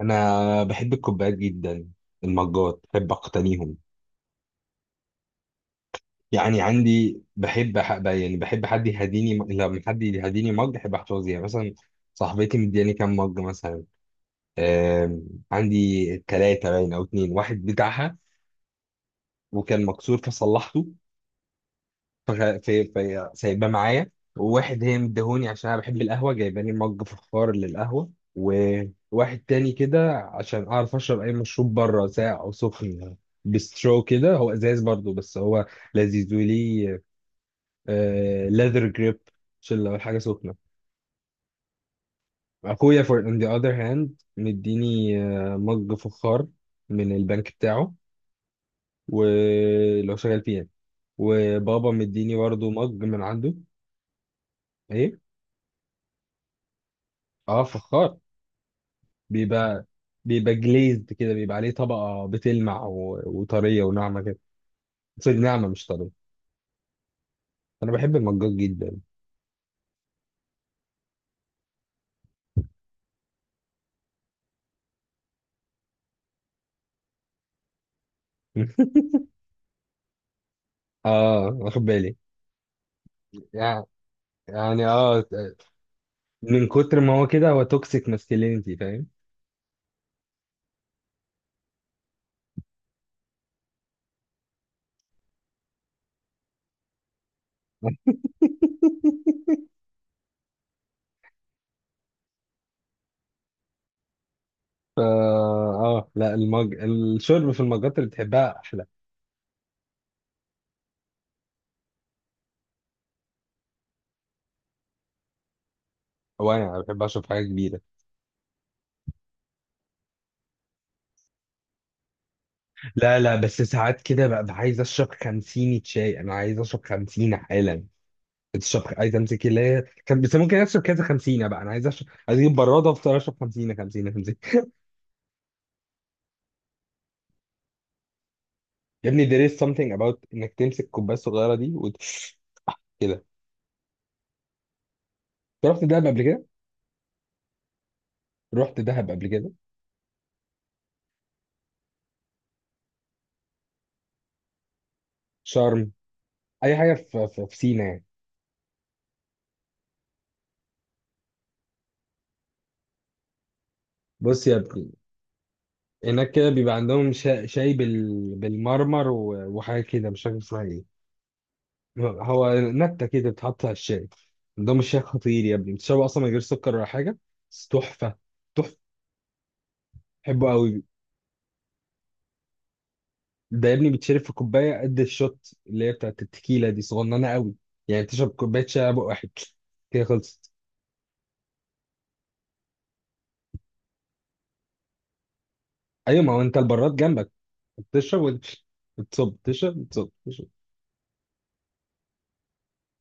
انا بحب الكوبايات جدا. المجات بحب اقتنيهم. يعني عندي، بحب يعني بحب حد لما حد يهديني مج بحب احتفظ، يعني مثلا صاحبتي مدياني كام مج مثلا. آم، عندي ثلاثة باين او اتنين، واحد بتاعها وكان مكسور فصلحته، في سايباه معايا. وواحد هي مديهوني عشان انا بحب القهوه، جايباني مج فخار للقهوه. وواحد تاني كده عشان اعرف اشرب اي مشروب بره ساقع او سخن، بسترو كده، هو ازاز برضو بس هو لذيذ. وليه؟ آه، ليذر جريب، عشان لو الحاجه سخنه. اخويا for on the other hand مديني مج فخار من البنك بتاعه ولو شغال فيه يعني. وبابا مديني برضو مج من عنده. ايه، اه فخار. بيبقى بيبقى جليزد كده، بيبقى عليه طبقة بتلمع وطرية وناعمة كده. سوري، ناعمة مش طرية. أنا بحب المجاج جدا. اه، واخد بالي. يعني يعني اه، من كتر ما هو كده هو توكسيك ماسكلينيتي، فاهم. فا اه لا، الشرب في المجات اللي بتحبها احلى. هو انا بحب اشرب حاجه كبيره. لا لا، بس ساعات كده ببقى عايز اشرب 50 شاي، انا عايز اشرب 50 حالا. الشب عايز امسك اللي هي كان، بس ممكن اشرب كذا خمسينه بقى، انا عايز اشرب، عايز اجيب براده افضل اشرب خمسينه خمسينه خمسينه. يا ابني there is something about انك تمسك الكوبايه الصغيره دي كده. رحت دهب قبل كده. رحت دهب قبل كده. شرم، اي حاجه في في سينا يعني. بص يا ابني، هناك كده بيبقى عندهم شاي بالمرمر وحاجه كده مش فاكر اسمها ايه. هو نكته كده بتحط على الشاي. عندهم الشاي خطير يا ابني، بتشربه اصلا من غير سكر ولا حاجه، بس تحفه، تحفه، بحبه قوي. ده يا ابني بيتشرب في كوبايه قد الشوت اللي هي بتاعت التكيله دي، صغننه قوي. يعني تشرب كوبايه شاي بق واحد. كده خلصت. ايوه، ما هو انت البراد جنبك، بتشرب وتمشي، بتصب تشرب، بتصب تشرب،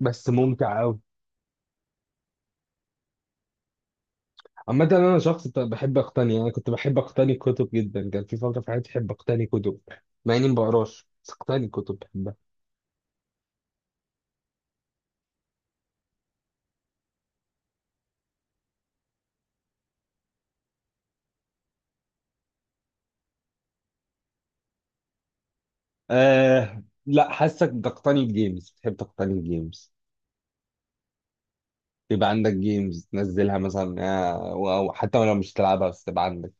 بس ممتع قوي. عامة أنا شخص بحب أقتني، يعني كنت بحب أقتني كتب جدا، كان في فترة في حياتي بحب أقتني كتب، مع إني ما بقراش بس أقتني كتب بحبها. آه لا، حاسك بتقتني الجيمز، بتحب تقتني الجيمز. بيبقى عندك جيمز تنزلها مثلا، أو حتى لو مش تلعبها بس تبقى عندك.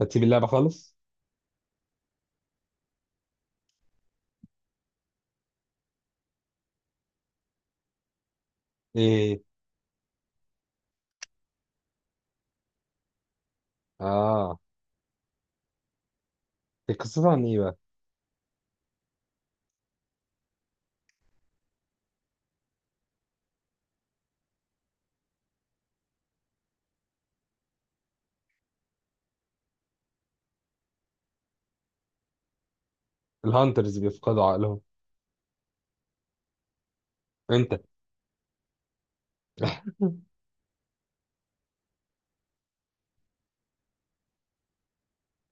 هتسيب اللعبة خالص؟ ايه، اه. هي قصتها عن ايه بقى؟ الهانترز بيفقدوا عقلهم. انت.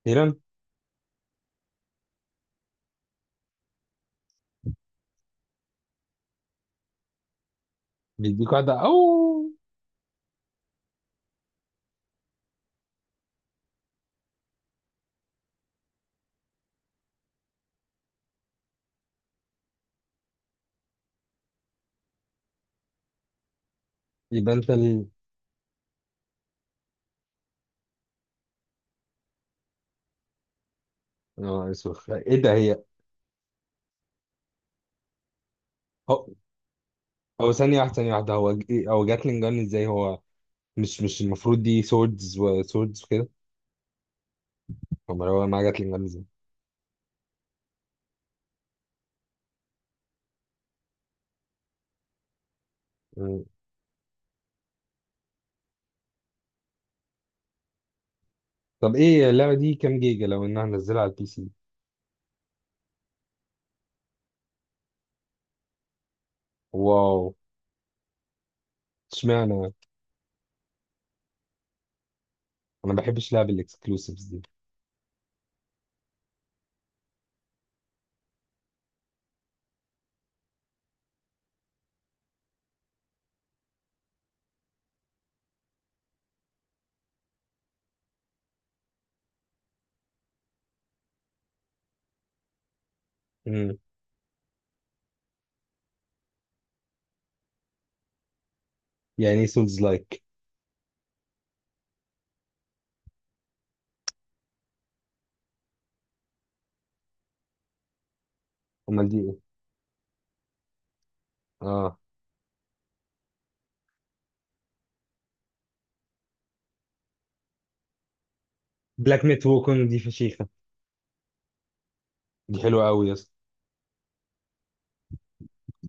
هيران. بيديك واحدة او. يبقى انت ال. اه، اسوخ ايه ده، هي. هو هو ثانية واحدة ثانية واحدة، هو هو جاتلين جان ازاي؟ هو مش المفروض دي سوردز وسوردز وكده. امال هو معاه جاتلين جان ازاي؟ مم. طب ايه اللعبة دي كام جيجا لو انها نزلها على البي سي؟ واو، اشمعنى انا. ما بحبش لعب الاكسكلوسيفز دي. مم. يعني ايه سولز لايك؟ امال دي ايه؟ اه. بلاك ميت ووكونج دي فشيخه. دي حلوه قوي يا اسطى.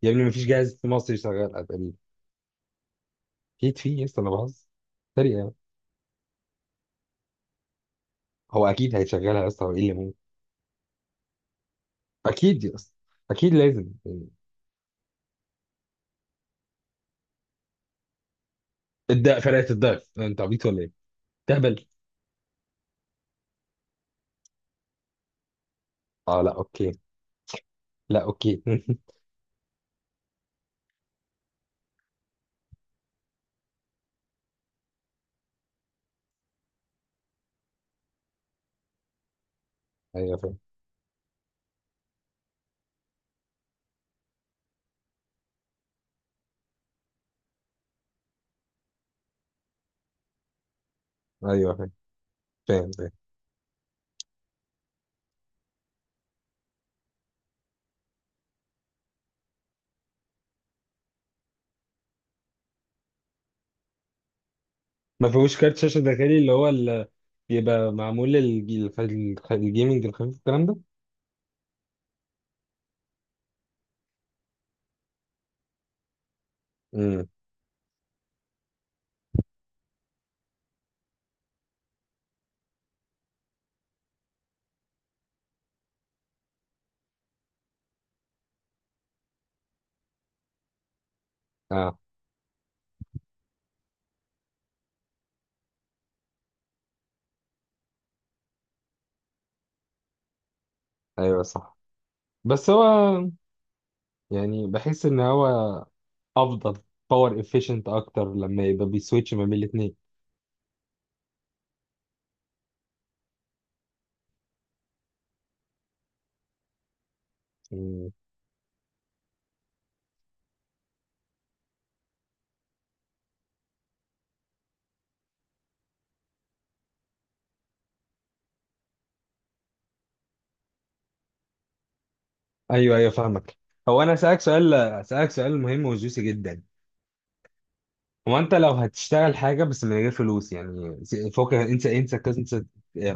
يا ابني مفيش جهاز في مصر يشغلها تقريبا. اكيد في يا اسطى، انا بهزر. سريع. هو اكيد هيشغلها يا اسطى، هو ايه اللي ممكن. اكيد يا اسطى، اكيد لازم يعني. الد فرقه الضعف، انت عبيط ولا ايه؟ تهبل. اه لا، اوكي. لا اوكي. ايوه فاهم. ايوه فاهم، فاهم، فاهم. ما فيهوش كارت شاشه داخلي، اللي هو ال... بيبقى معمول الجيمنج الخفيف، الكلام ده. امم. اه ايوه صح، بس هو، يعني بحس ان هو افضل، باور افيشنت اكتر لما يبقى بيسويتش ما بين الاثنين. ايوه ايوه فاهمك. هو انا اسالك سؤال مهم وجوسي جدا. هو انت لو هتشتغل حاجه بس من غير فلوس يعني، فوق، انسى قصه،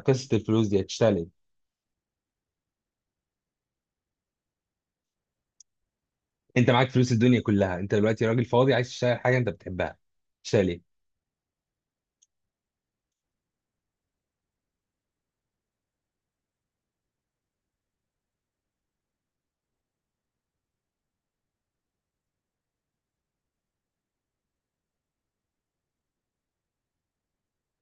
قصه الفلوس دي. هتشتغل ايه؟ انت معاك فلوس الدنيا كلها، انت دلوقتي راجل فاضي عايز تشتغل حاجه انت بتحبها، تشتغل ايه؟